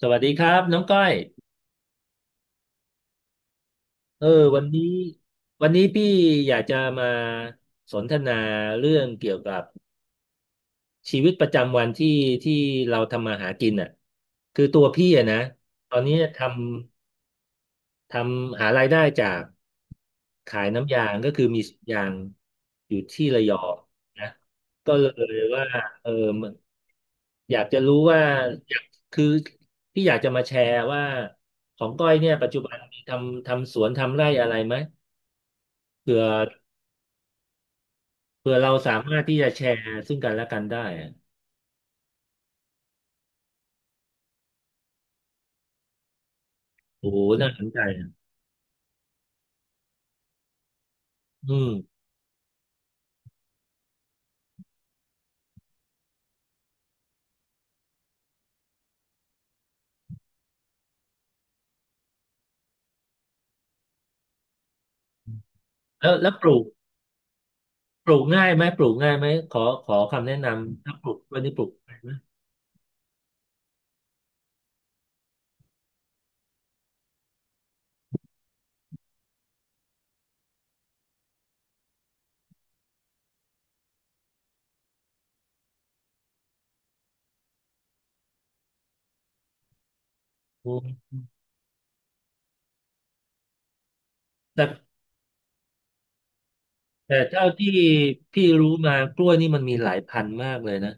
สวัสดีครับน้องก้อยเออวันนี้พี่อยากจะมาสนทนาเรื่องเกี่ยวกับชีวิตประจำวันที่เราทำมาหากินอ่ะคือตัวพี่อ่ะนะตอนนี้ทำหารายได้จากขายน้ำยางก็คือมีสวนยางอยู่ที่ระยองนะก็เลยว่าเออมันอยากจะรู้ว่าอยากคือพี่อยากจะมาแชร์ว่าของก้อยเนี่ยปัจจุบันมีทำสวนทำไร่อะไรไหม เผื่อเผื่อเราสามารถที่จะแชร์ซึ่งกันและกันได้อะโอ้โหน่าสนใจอะอืมแล้วปลูกง่ายไหมปลูกง่ายไหมขอคำแนะนำถ้าปลูกกล้วยนี่ปลูกง่ายไหมโอ้แต่เท่าที่พี่รู้มากล้วยนี่มันมีหลายพันธุ์มากเลยนะ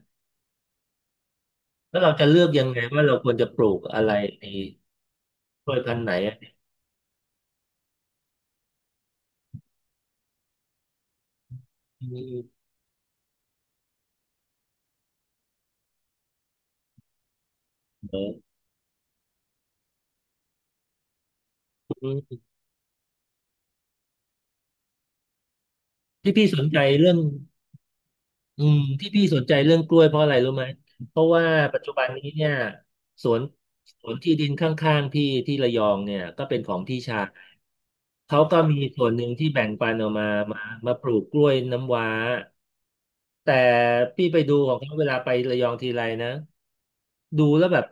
แล้วเราจะเลือกยังไงว่าเราควรจะปลูกอะไรในกล้วยพันธุ์ไหนอะอืมเออที่พี่สนใจเรื่อง ที่พี่สนใจเรื่องกล้วยเพราะอะไรรู้ไหมเพราะว่าปัจจุบันนี้เนี่ยสวนสวนที่ดินข้างๆพี่ที่ระยองเนี่ยก็เป็นของพี่ชายเขาก็มีส่วนหนึ่งที่แบ่งปันออกมามามาปลูกกล้วยน้ำว้าแต่พี่ไปดูของเขาเวลาไประยองทีไรนะ ดูแล้วแบบ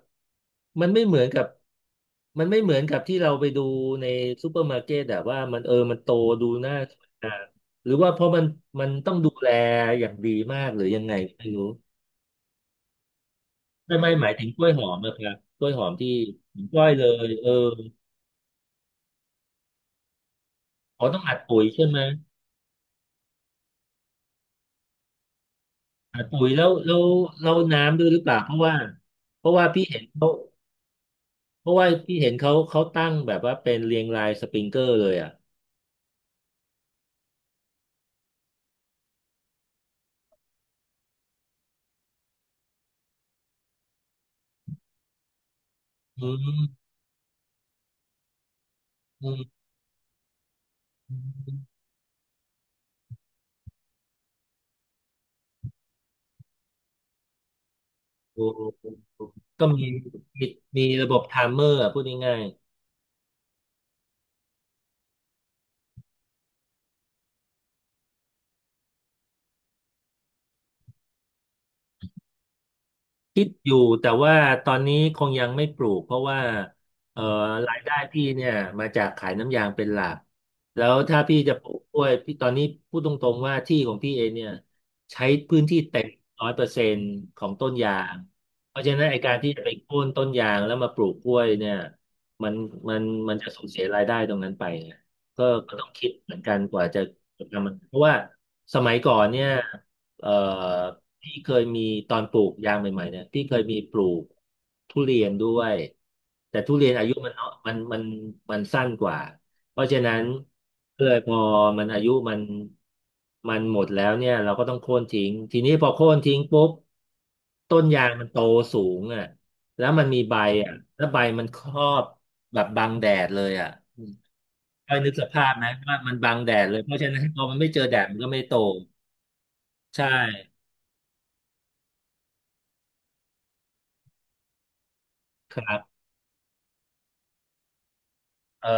มันไม่เหมือนกับมันไม่เหมือนกับที่เราไปดูในซูเปอร์มาร์เก็ตอะว่ามันเออมันโตดูน่าทานหรือว่าเพราะมันต้องดูแลอย่างดีมากหรือยังไงก็ไม่รู้ไม่หมายถึงกล้วยหอมนะครับกล้วยหอมที่ผมอนกล้วยเลยเออเขาต้องอัดปุ๋ยใช่ไหมอัดปุ๋ยแล้วแล้วน้ำด้วยหรือเปล่าเพราะว่าเพราะว่าพี่เห็นเขาเพราะว่าพี่เห็นเขาเขาตั้งแบบว่าเป็นเรียงรายสปริงเกอร์เลยอ่ะอืมอืม โอ้ก็มีมีมีระบบไทม์เมอร์อะพูดง่าย คิดอยู่แต่ว่าตอนนี้คงยังไม่ปลูกเพราะว่าเอ่อรายได้พี่เนี่ยมาจากขายน้ำยางเป็นหลักแล้วถ้าพี่จะปลูกกล้วยพี่ตอนนี้พูดตรงๆว่าที่ของพี่เองเนี่ยใช้พื้นที่เต็ม100%ของต้นยางเพราะฉะนั้นไอการที่จะไปโค่นต้นยางแล้วมาปลูกกล้วยเนี่ยมันมันมันจะสูญเสียรายได้ตรงนั้นไปไงก็ต้องคิดเหมือนกันกว่าจะทำมันเพราะว่าสมัยก่อนเนี่ยเอ่อ พี่เคยมีตอนปลูกยางใหม่ๆเนี่ยพี่เคยมีปลูกทุเรียนด้วยแต่ทุเรียนอายุมันเนาะมันมันสั้นกว่าเพราะฉะนั้นเพื่อพอมันอายุมันหมดแล้วเนี่ยเราก็ต้องโค่นทิ้งทีนี้พอโค่นทิ้งปุ๊บต้นยางมันโตสูงอ่ะแล้วมันมีใบอ่ะแล้วใบมันครอบแบบบังแดดเลยอ่ะก็นึกสภาพนะว่ามันบังแดดเลยเพราะฉะนั้นพอมันไม่เจอแดดมันก็ไม่โตใช่ครับ เอ่อ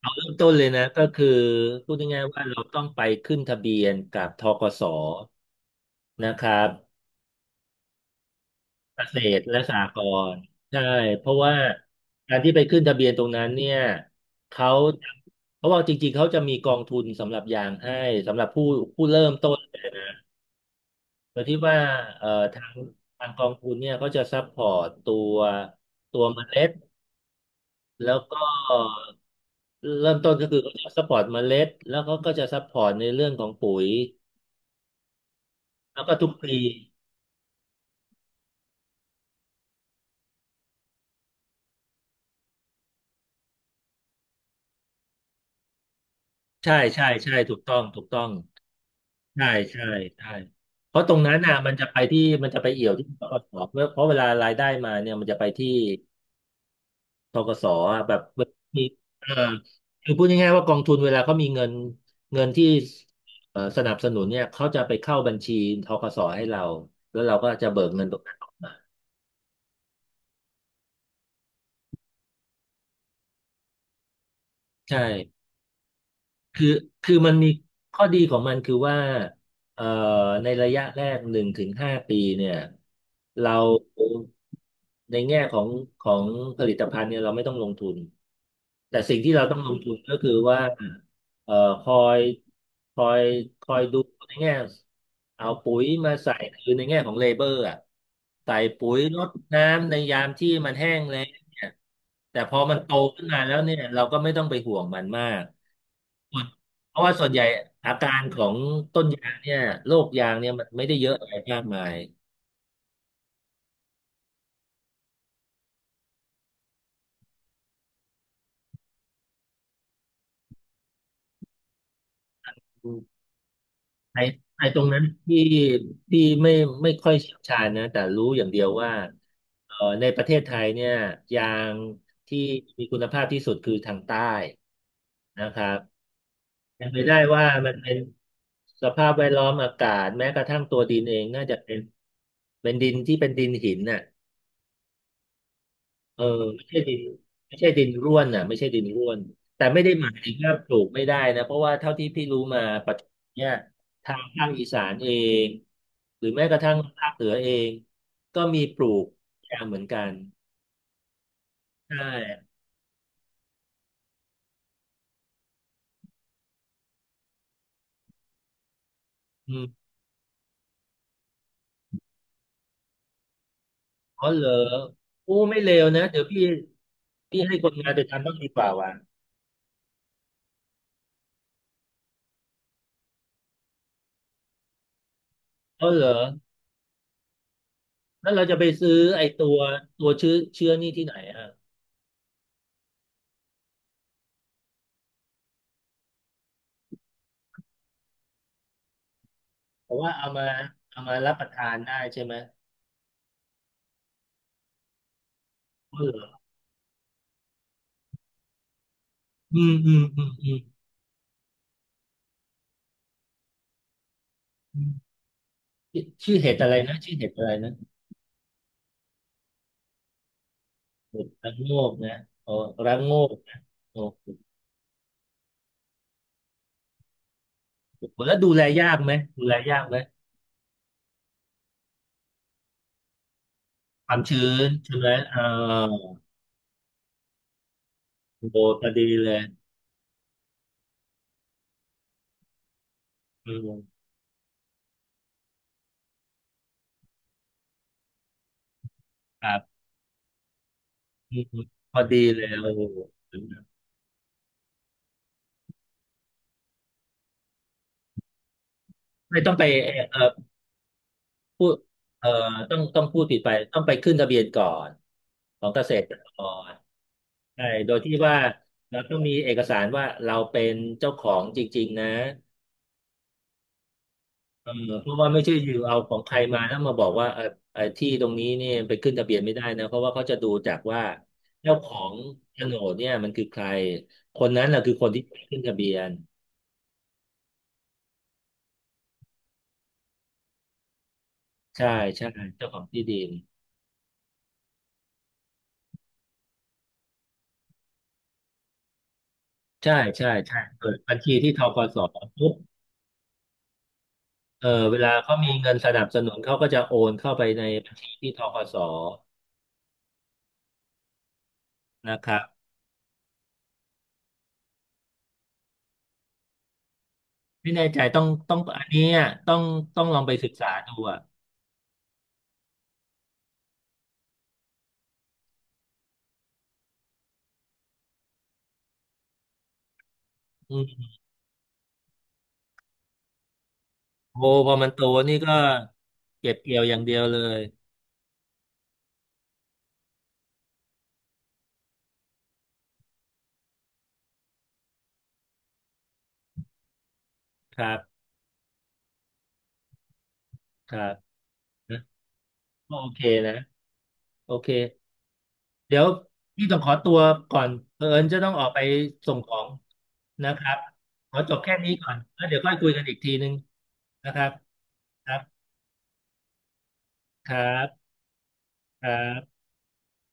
เอาเริ่มต้นเลยนะก็คือพูดง่ายๆว่าเราต้องไปขึ้นทะเบียนกับธกสนะครับเกษตรและสหกรณ์ใช่เพราะว่าการที่ไปขึ้นทะเบียนตรงนั้นเนี่ยเขาเพราะว่าจริงๆเขาจะมีกองทุนสำหรับยางให้สำหรับผู้เริ่มต้นโดยที่ว่าเอ่อทางกองทุนเนี่ยเขาจะซัพพอร์ตตัวเมล็ดแล้วก็ เริ่มต้นก็คือเขาจะซัพพอร์ตเมล็ดแล้วเขาก็จะซัพพอร์ตในเรื่องของปุ๋ยแล้วก็ทุกปีใช่ใช่ใช่ถูกต้องถูกต้องใช่ใช่ใช่เพราะตรงนั้นน่ะมันจะไปเอี่ยวที่ธกสเพราะเวลารายได้มาเนี่ยมันจะไปที่ธกสอ่ะแบบมีเออคือพูดง่ายๆว่ากองทุนเวลาเขามีเงินเงินที่สนับสนุนเนี่ยเขาจะไปเข้าบัญชีธกสให้เราแล้วเราก็จะเบิกเงินตรงนั้นออกมาใช่ คือคือมันมีข้อดีของมันคือว่าเอ่อในระยะแรก1 ถึง 5 ปีเนี่ยเราในแง่ของของผลิตภัณฑ์เนี่ยเราไม่ต้องลงทุนแต่สิ่งที่เราต้องลงทุนก็คือว่าเอ่อคอยคอยคอยดูในแง่เอาปุ๋ยมาใส่คือในแง่ของเลเบอร์อะใส่ปุ๋ยรดน้ำในยามที่มันแห้งแล้งเนี่ยแต่พอมันโตขึ้นมาแล้วเนี่ยเราก็ไม่ต้องไปห่วงมันมาก เพราะว่าส่วนใหญ่อาการของต้นยางเนี่ยโรคยางเนี่ยมันไม่ได้เยอะอะไรมากมายอืมไอ้ไอ้ตรงนั้นที่ไม่ค่อยเชี่ยวชาญนะแต่รู้อย่างเดียวว่าเอ่อในประเทศไทยเนี่ยยางที่มีคุณภาพที่สุดคือทางใต้นะครับเป็นไปได้ว่ามันเป็นสภาพแวดล้อมอากาศแม้กระทั่งตัวดินเองน่าจะเป็นเป็นดินที่เป็นดินหินน่ะ เออไม่ใช่ดินไม่ใช่ดินร่วนอ่ะไม่ใช่ดินร่วนแต่ไม่ได้หมายถึงว่าปลูกไม่ได้นะเพราะว่าเท่าที่พี่รู้มาปัจจุบันเนี่ยทางภาคอีสานเองหรือแม้กระทั่งภาคเหนือเองก็มีปลูกแย่างเหมือนกันใช่อืมอ๋อเหรออู้ไม่เลวนะเดี๋ยวพี่ให้คนงานไปทำบ้างดีกว่าว่ะอ๋อเหรอแล้วเราจะไปซื้อไอ้ตัวตัวเชื้อนี่ที่ไหนอ่ะเพราะว่าเอามารับประทานได้ใช่ไหมอ๋อเหรออืมอืมอืมอืม ชื่อเห็ดอะไรนะชื่อเห็ดอะไรนะเห็ดระโงกนะอ๋อระโงกนะโอ้โหแล้วดูแลยากไหมดูแลยากไหมความชื้นใช่ไหมเออโอ้โหพอดีเลยอืมครับอืมพอดีเลยโอ้โหไม่ต้องไปเออพูดเออต้องพูดติดไปต้องไปขึ้นทะเบียนก่อนของเกษตรกรใช่โดยที่ว่าเราต้องมีเอกสารว่าเราเป็นเจ้าของจริงๆนะ เออเพราะว่าไม่ใช่อยู่เอาของใครมาแล้วมาบอกว่าเออเออที่ตรงนี้เนี่ยไปขึ้นทะเบียนไม่ได้นะเพราะว่าเขาจะดูจากว่าเจ้าของโฉนดเนี่ยมันคือใครคนนั้นแหละคือคนที่ไปขึ้นทะเบียนใช่ใช่เจ้าของที่ดินใช่ใช่ใช่เปิดบัญชีที่ธกสปุ๊บเออเวลาเขามีเงินสนับสนุนเขาก็จะโอนเข้าไปในบัญชีที่ธกสนะครับไม่แน่ใจต้องอันเนี้ยต้องต้องลองไปศึกษาดูอ่ะ โอ้พอมันโตนี่ก็เก็บเกี่ยวอย่างเดียวเลยครับครับนะก็โอเคนะโอเคเดี๋ยวพี่ต้องขอตัวก่อนเผอิญจะต้องออกไปส่งของนะครับขอจบแค่นี้ก่อนแล้วเดี๋ยวค่อยคุยกันอีกทีนึงนะครับครับครับครับ